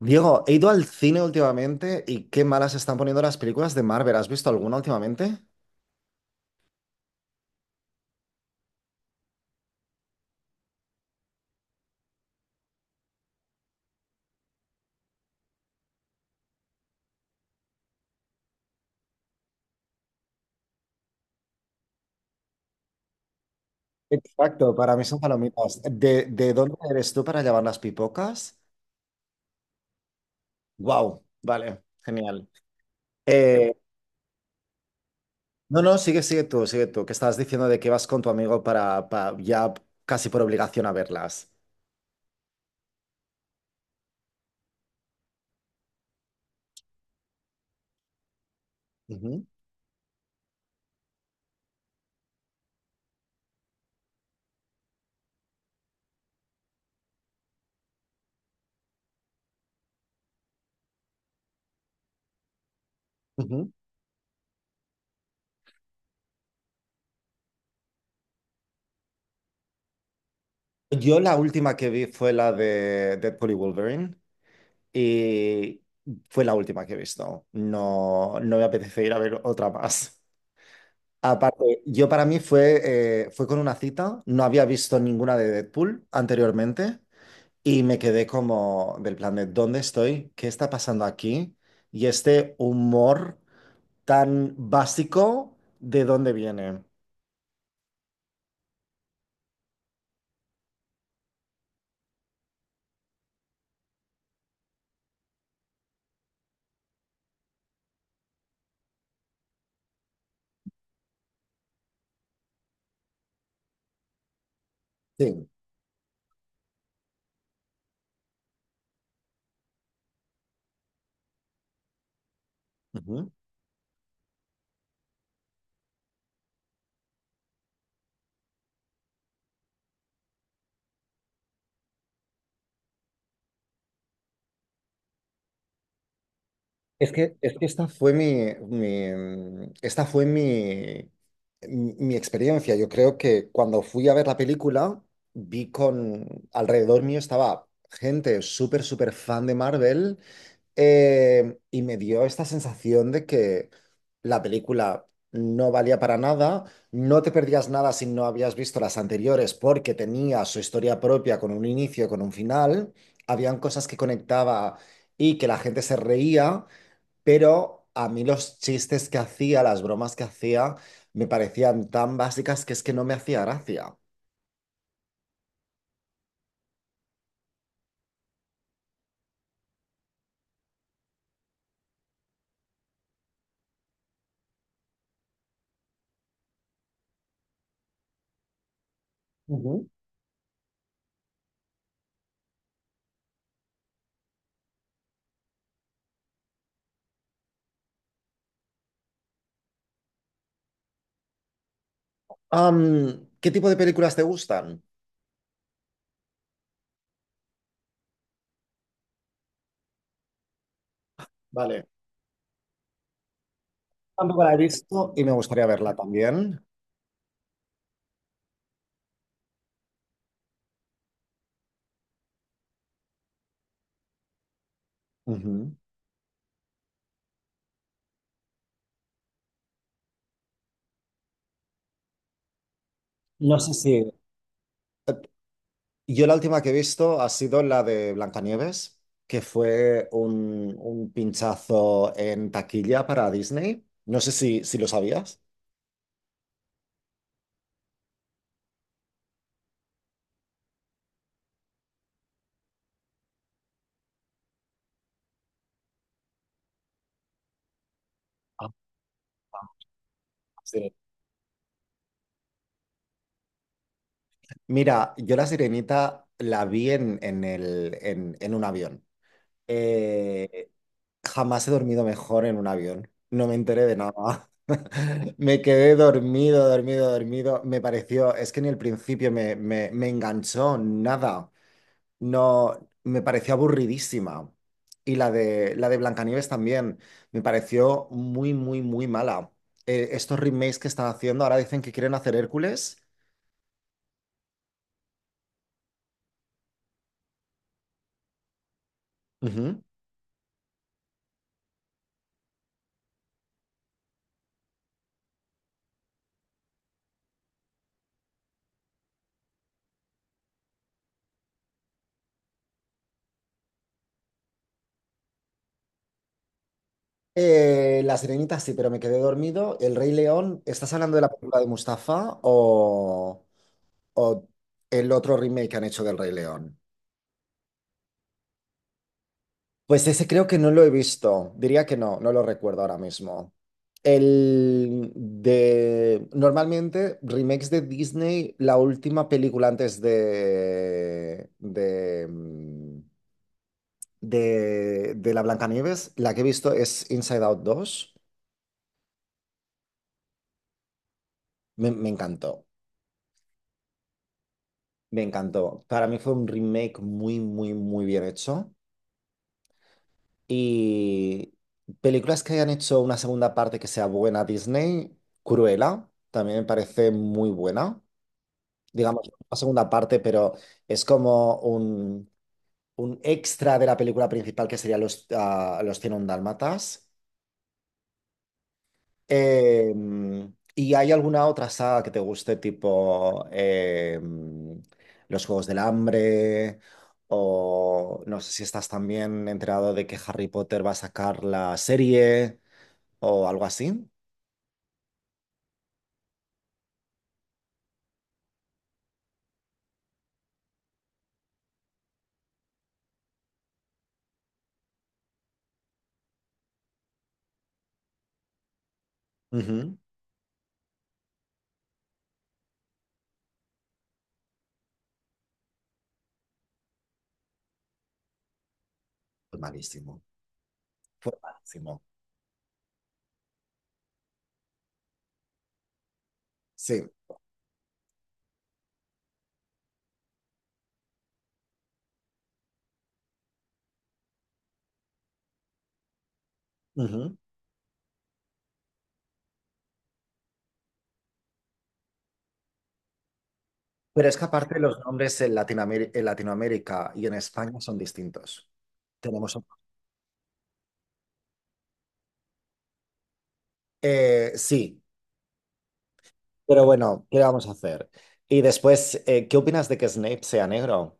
Diego, he ido al cine últimamente y qué malas están poniendo las películas de Marvel. ¿Has visto alguna últimamente? Exacto, para mí son palomitas. ¿De dónde eres tú para llevar las pipocas? Wow, vale, genial. Eh, no, no, sigue, sigue tú, que estabas diciendo de que vas con tu amigo para, ya casi por obligación a verlas. Ujú, ujú. Yo la última que vi fue la de Deadpool y Wolverine y fue la última que he visto. No, no me apetece ir a ver otra más. Aparte, yo para mí fue, fue con una cita, no había visto ninguna de Deadpool anteriormente y me quedé como del plan de ¿dónde estoy? ¿Qué está pasando aquí? Y este humor tan básico, ¿de dónde viene? Sí. Ujú. Es que esta fue esta fue mi, mi experiencia. Yo creo que cuando fui a ver la película, vi con alrededor mío estaba gente súper, súper fan de Marvel. Y me dio esta sensación de que la película no valía para nada, no te perdías nada si no habías visto las anteriores porque tenía su historia propia con un inicio, con un final, habían cosas que conectaba y que la gente se reía, pero a mí los chistes que hacía, las bromas que hacía, me parecían tan básicas que es que no me hacía gracia. Ujú. ¿Qué tipo de películas te gustan? Vale, tampoco la he visto y me gustaría verla también. Ujú. No sé si... Yo la última que he visto ha sido la de Blancanieves, que fue un pinchazo en taquilla para Disney. No sé si lo sabías. Ah, sí. Mira, yo la Sirenita la vi en un avión. Eh, Jamás he dormido mejor en un avión. No me enteré de nada. Me quedé dormido, dormido, dormido. Me pareció, es que ni el principio me enganchó nada. No, me pareció aburridísima. Y la de Blancanieves también. Me pareció muy, muy, muy mala. Estos remakes que están haciendo, ahora dicen que quieren hacer Hércules. Ujú. La Sirenita sí, pero me quedé dormido. El Rey León, ¿estás hablando de la película de Mustafa o el otro remake que han hecho del Rey León? Pues ese creo que no lo he visto. Diría que no, no lo recuerdo ahora mismo. El de normalmente remakes de Disney, la última película antes de la Blancanieves, la que he visto es Inside Out dos. Me encantó, me encantó. Para mí fue un remake muy, muy, muy bien hecho. Y películas que hayan hecho una segunda parte que sea buena Disney, Cruella, también me parece muy buena. Digamos, una segunda parte, pero es como un extra de la película principal que sería los cien Dálmatas. Eh, ¿Y hay alguna otra saga que te guste, tipo Los Juegos del Hambre? O no sé si estás también enterado de que Harry Potter va a sacar la serie o algo así. Ujú. Fue malísimo. Fue malísimo. Sí. Ujú. Pero es que aparte los nombres en Latinoamérica y en España son distintos. Tenemos. Sí. Pero bueno, ¿qué vamos a hacer? Y después, ¿qué opinas de que Snape sea negro?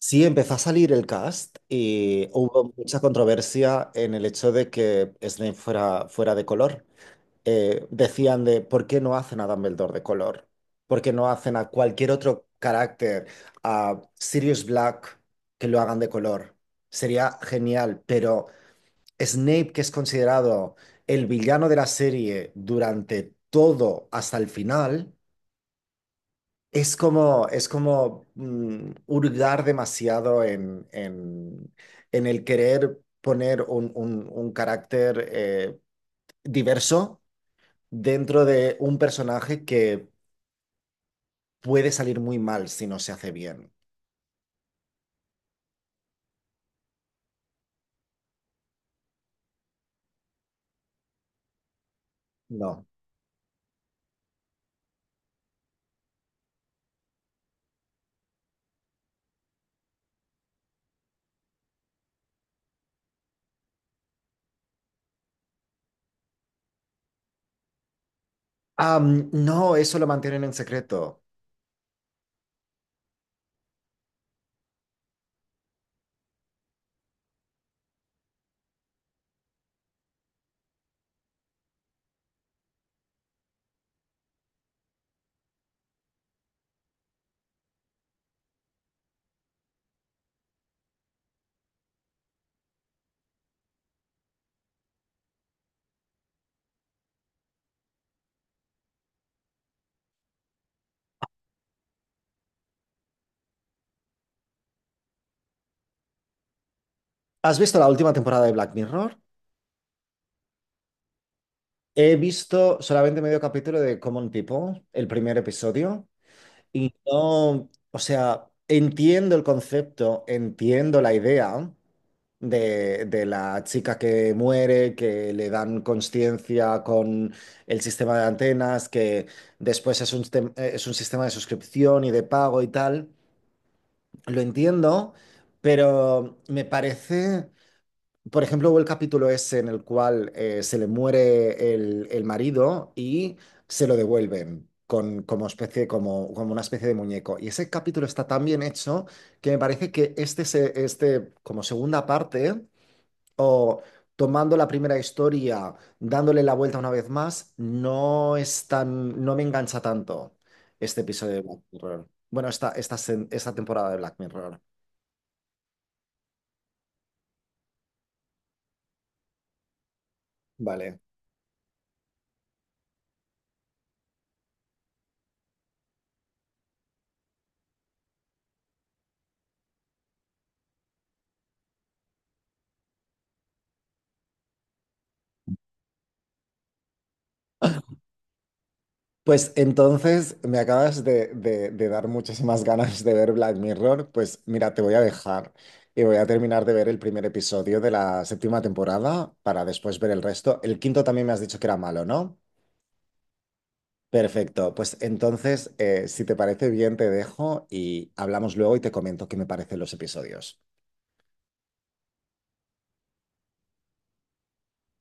Sí, empezó a salir el cast y hubo mucha controversia en el hecho de que Snape fuera, fuera de color. Decían de, ¿por qué no hacen a Dumbledore de color? ¿Por qué no hacen a cualquier otro carácter, a Sirius Black, que lo hagan de color? Sería genial, pero Snape, que es considerado el villano de la serie durante todo hasta el final, es como, es como mm, hurgar demasiado en el querer poner un, un carácter diverso dentro de un personaje que puede salir muy mal si no se hace bien. No. No, eso lo mantienen en secreto. ¿Has visto la última temporada de Black Mirror? He visto solamente medio capítulo de Common People, el primer episodio. Y no, o sea, entiendo el concepto, entiendo la idea de la chica que muere, que le dan conciencia con el sistema de antenas, que después es un, es un sistema de suscripción y de pago y tal. Lo entiendo, pero me parece. Por ejemplo, hubo el capítulo ese en el cual se le muere el marido y se lo devuelven con, como especie, como, como una especie de muñeco. Y ese capítulo está tan bien hecho que me parece que este, este como segunda parte, o tomando la primera historia, dándole la vuelta una vez más, no es tan, no me engancha tanto este episodio de Black Mirror. Bueno, esta, esta temporada de Black Mirror. Vale. Pues entonces me acabas de, de dar muchísimas ganas de ver Black Mirror. Pues mira, te voy a dejar y voy a terminar de ver el primer episodio de la séptima temporada para después ver el resto. El quinto también me has dicho que era malo, ¿no? Perfecto. Pues entonces, si te parece bien, te dejo y hablamos luego y te comento qué me parecen los episodios.